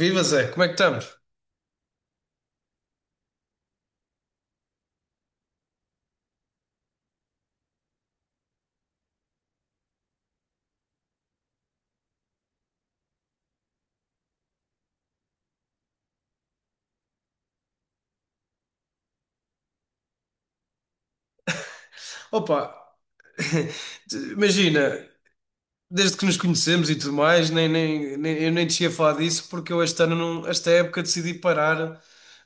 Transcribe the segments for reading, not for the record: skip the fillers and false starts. Viva Zé, como é que estamos? Opa, imagina, desde que nos conhecemos e tudo mais, eu nem te ia falar disso porque eu este ano, não, esta época, decidi parar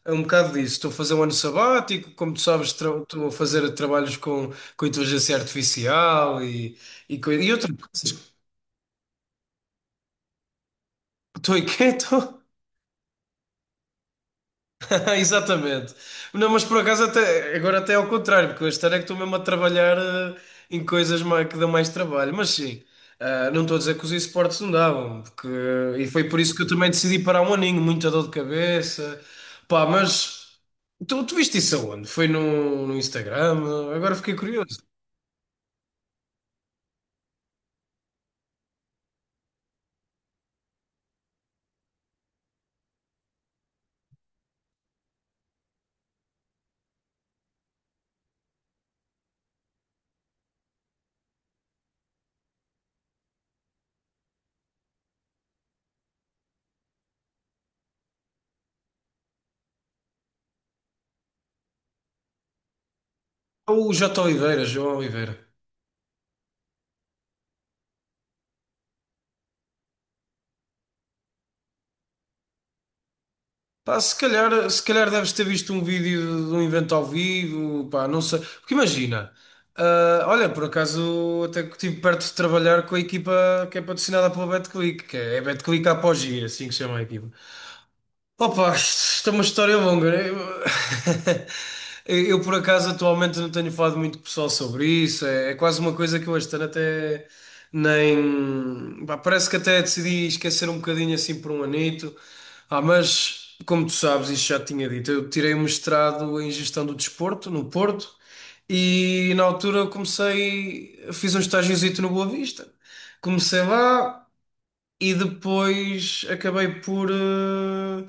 um bocado disso. Estou a fazer um ano sabático, como tu sabes, estou a fazer trabalhos com inteligência artificial e, e outras coisas. Estou inquieto. Exatamente. Não, mas por acaso até, agora até é ao contrário, porque este ano é que estou mesmo a trabalhar em coisas mais, que dão mais trabalho. Mas sim, ah, não estou a dizer que os esportes não davam, porque, e foi por isso que eu também decidi parar um aninho, muita dor de cabeça. Pá, mas tu viste isso aonde? Foi no Instagram? Agora fiquei curioso. O J. Oliveira, João Oliveira. Pá, se calhar deves ter visto um vídeo de um evento ao vivo, pá, não sei. Porque imagina, ah, olha, por acaso até que estive perto de trabalhar com a equipa que é patrocinada pela BetClick, que é a BetClick Apogee, é assim que se chama a equipa. Opa, isto é uma história longa, né? Eu, eu, por acaso, atualmente não tenho falado muito com o pessoal sobre isso. É quase uma coisa que eu este ano até nem, pá, parece que até decidi esquecer um bocadinho assim por um anito. Ah, mas, como tu sabes, isto já te tinha dito, eu tirei um mestrado em Gestão do Desporto, no Porto, e na altura comecei. Fiz um estágiozito no Boa Vista. Comecei lá e depois acabei por, eh,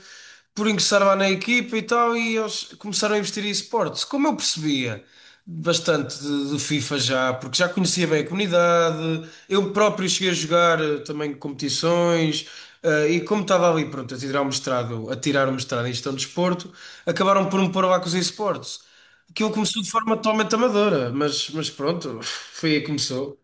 por ingressar lá na equipa e tal, e eles começaram a investir em esportes. Como eu percebia bastante de FIFA já, porque já conhecia bem a comunidade, eu próprio cheguei a jogar também competições, e como estava ali, pronto, a tirar o mestrado em gestão de desporto, acabaram por me pôr lá com os esportes. Aquilo começou de forma totalmente amadora, mas pronto, foi aí que começou.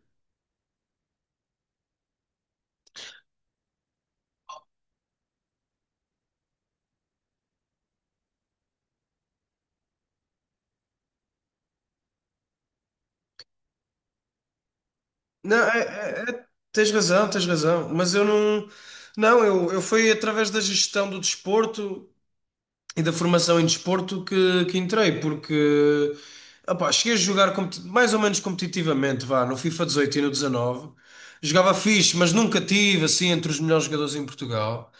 Não, é- é- tens razão, tens razão. Mas eu não. Não, eu fui através da gestão do desporto e da formação em desporto que entrei, porque opá, cheguei a jogar mais ou menos competitivamente, vá, no FIFA 18 e no 19. Jogava fixe, mas nunca tive assim entre os melhores jogadores em Portugal.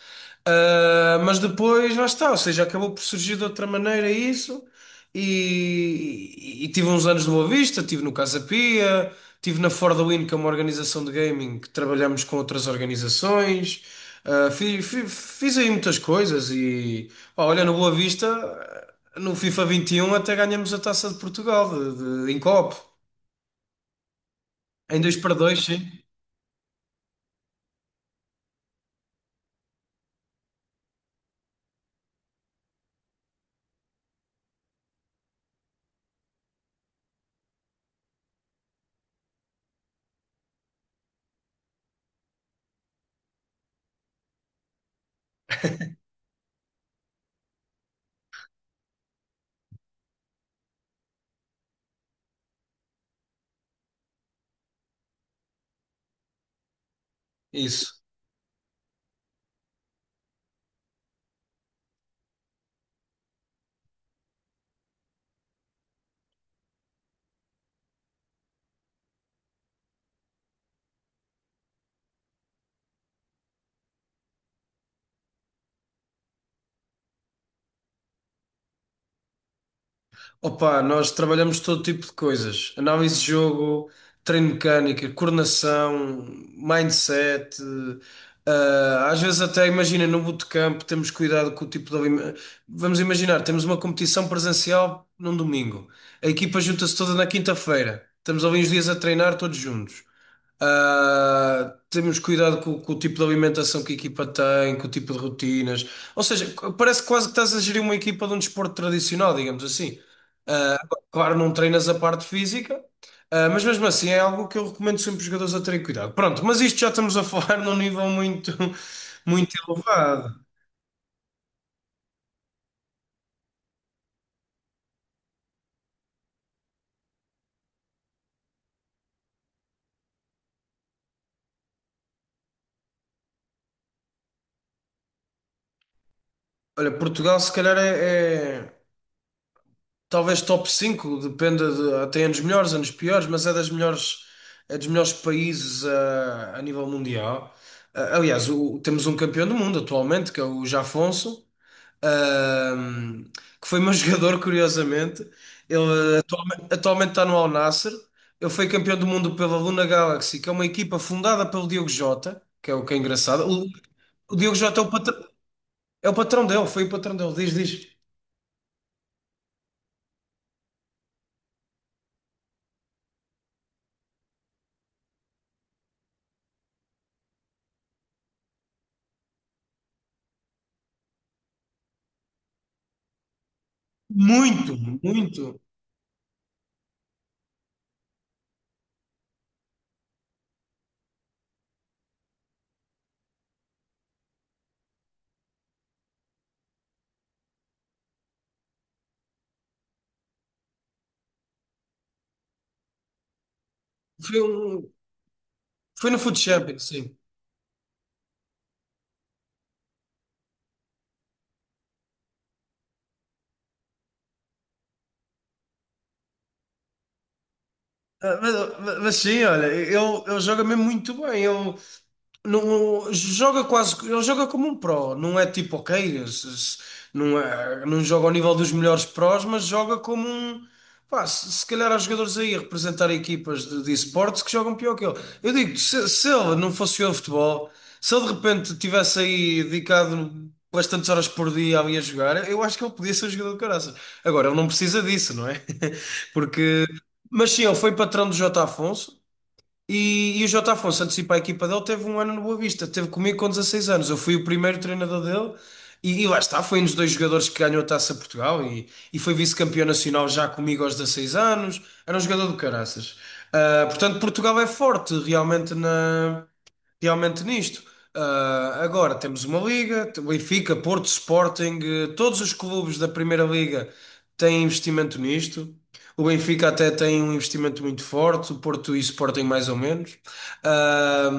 Ah, mas depois lá está, ou seja, acabou por surgir de outra maneira isso, e, tive uns anos de Boa Vista, tive no Casa Pia, tive na For the Win, que é uma organização de gaming que trabalhamos com outras organizações. Ah, fiz aí muitas coisas e pá, olha, no Boa Vista, no FIFA 21 até ganhamos a Taça de Portugal em copo, em 2 para 2, sim, isso. Opa, nós trabalhamos todo tipo de coisas: análise de jogo, treino mecânica, coordenação, mindset. Ah, às vezes, até imagina no bootcamp, temos cuidado com o tipo de, vamos imaginar, temos uma competição presencial num domingo, a equipa junta-se toda na quinta-feira, estamos ali uns dias a treinar todos juntos. Ah, temos cuidado com o tipo de alimentação que a equipa tem, com o tipo de rotinas. Ou seja, parece quase que estás a gerir uma equipa de um desporto tradicional, digamos assim. Ah, claro, não treinas a parte física, ah, mas mesmo assim é algo que eu recomendo sempre os jogadores a terem cuidado. Pronto, mas isto já estamos a falar num nível muito, muito elevado. Olha, Portugal se calhar talvez top cinco, dependa de, tem anos melhores, anos piores, mas é das melhores, é dos melhores países ah, a nível mundial. Ah, aliás, temos um campeão do mundo atualmente, que é o Jafonso, ah, que foi meu jogador, curiosamente. Ele ah, atualmente está no Al Nassr. Ele foi campeão do mundo pela Luna Galaxy, que é uma equipa fundada pelo Diogo Jota, que é o que é engraçado. O Diogo Jota é o patrão dele, foi o patrão dele, diz, diz. Muito, muito. Foi um- Foi no Food Champions, sim. Ah, mas sim, olha, ele joga mesmo muito bem. Não, joga quase, ele joga como um pro, não é tipo, ok, não é, não joga ao nível dos melhores prós, mas joga como um, pá, se calhar há jogadores aí a representar equipas de esportes que jogam pior que ele. Eu digo, se ele não fosse o futebol, se ele de repente tivesse aí dedicado pelas horas por dia ali a jogar, eu acho que ele podia ser um jogador de caraças. Agora, ele não precisa disso, não é? Porque, mas sim, ele foi patrão do J. Afonso, e o Jota Afonso antecipa a equipa dele, teve um ano no Boa Vista, teve comigo com 16 anos. Eu fui o primeiro treinador dele e lá está, foi um dos dois jogadores que ganhou a Taça de Portugal e foi vice-campeão nacional já comigo aos 16 anos. Era um jogador do caraças. Ah, portanto, Portugal é forte realmente nisto. Ah, agora temos uma liga, Benfica, Porto, Sporting, todos os clubes da Primeira Liga têm investimento nisto. O Benfica até tem um investimento muito forte, o Porto e o Sporting mais ou menos. Ah,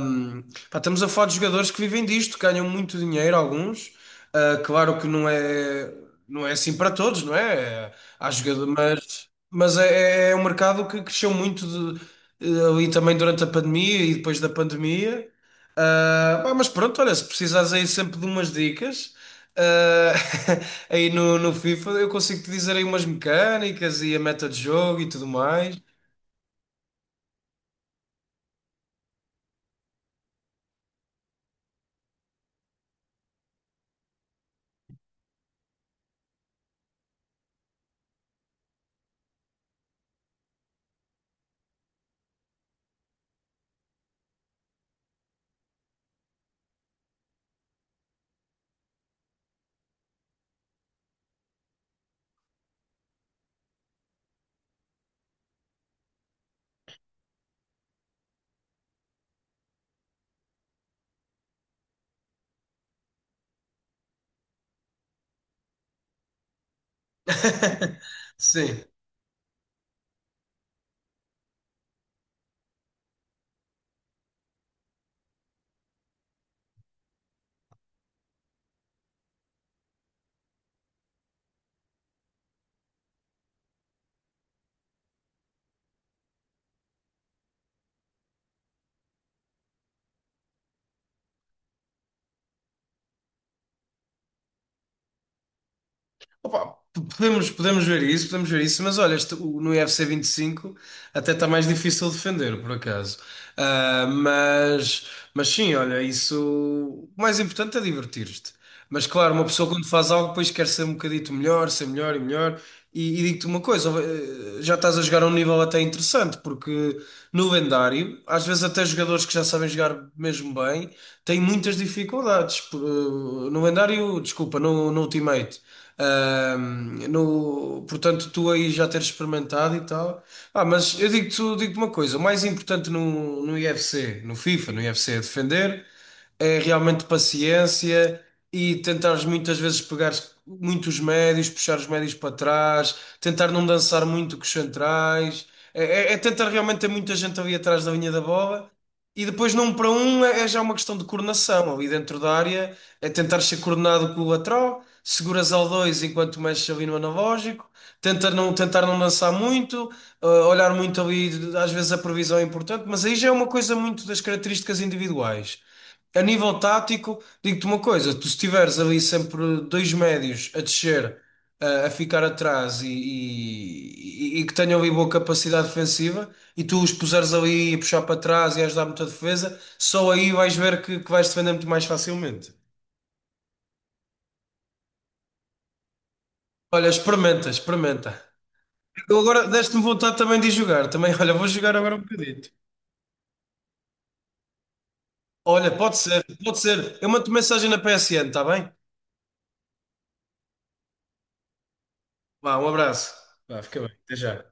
pá, estamos a falar de jogadores que vivem disto, ganham muito dinheiro, alguns. Ah, claro que não é assim para todos, não é? Há jogadores, mas é um mercado que cresceu muito, de- eh, ali também durante a pandemia e depois da pandemia. Ah, pá, mas pronto, olha, se precisares aí sempre de umas dicas, ah, aí no FIFA eu consigo te dizer aí umas mecânicas e a meta de jogo e tudo mais. Sim. Opa, podemos ver isso, mas olha, no UFC 25 até está mais difícil defender, por acaso. Ah, mas sim, olha, isso. O mais importante é divertir-te. Mas claro, uma pessoa quando faz algo depois quer ser um bocadito melhor, ser melhor e melhor. E digo-te uma coisa, eh, já estás a jogar a um nível até interessante, porque no lendário, às vezes até jogadores que já sabem jogar mesmo bem têm muitas dificuldades no lendário, desculpa, no Ultimate. No, portanto, tu aí já teres experimentado e tal. Ah, mas eu digo-te uma coisa: o mais importante no UFC, no FIFA, no UFC é defender, é realmente paciência e tentares muitas vezes pegar muitos médios, puxar os médios para trás, tentar não dançar muito com os centrais, é, é tentar realmente ter muita gente ali atrás da linha da bola, e depois num para um é já uma questão de coordenação. Ali dentro da área é tentar ser coordenado com o lateral, seguras ao dois enquanto mexes ali no analógico, tentar não lançar muito, eh, olhar muito ali, às vezes a previsão é importante, mas aí já é uma coisa muito das características individuais. A nível tático, digo-te uma coisa, tu se tiveres ali sempre dois médios a descer, a ficar atrás e que tenham ali boa capacidade defensiva e tu os puseres ali a puxar para trás e a ajudar muito a defesa, só aí vais ver que vais defender muito mais facilmente. Olha, experimenta, experimenta. Eu agora deste-me vontade também de jogar. Também, olha, vou jogar agora um bocadito. Olha, pode ser, pode ser. Eu mando mensagem na PSN, está bem? Vá, um abraço. Vá, fica bem. Até já.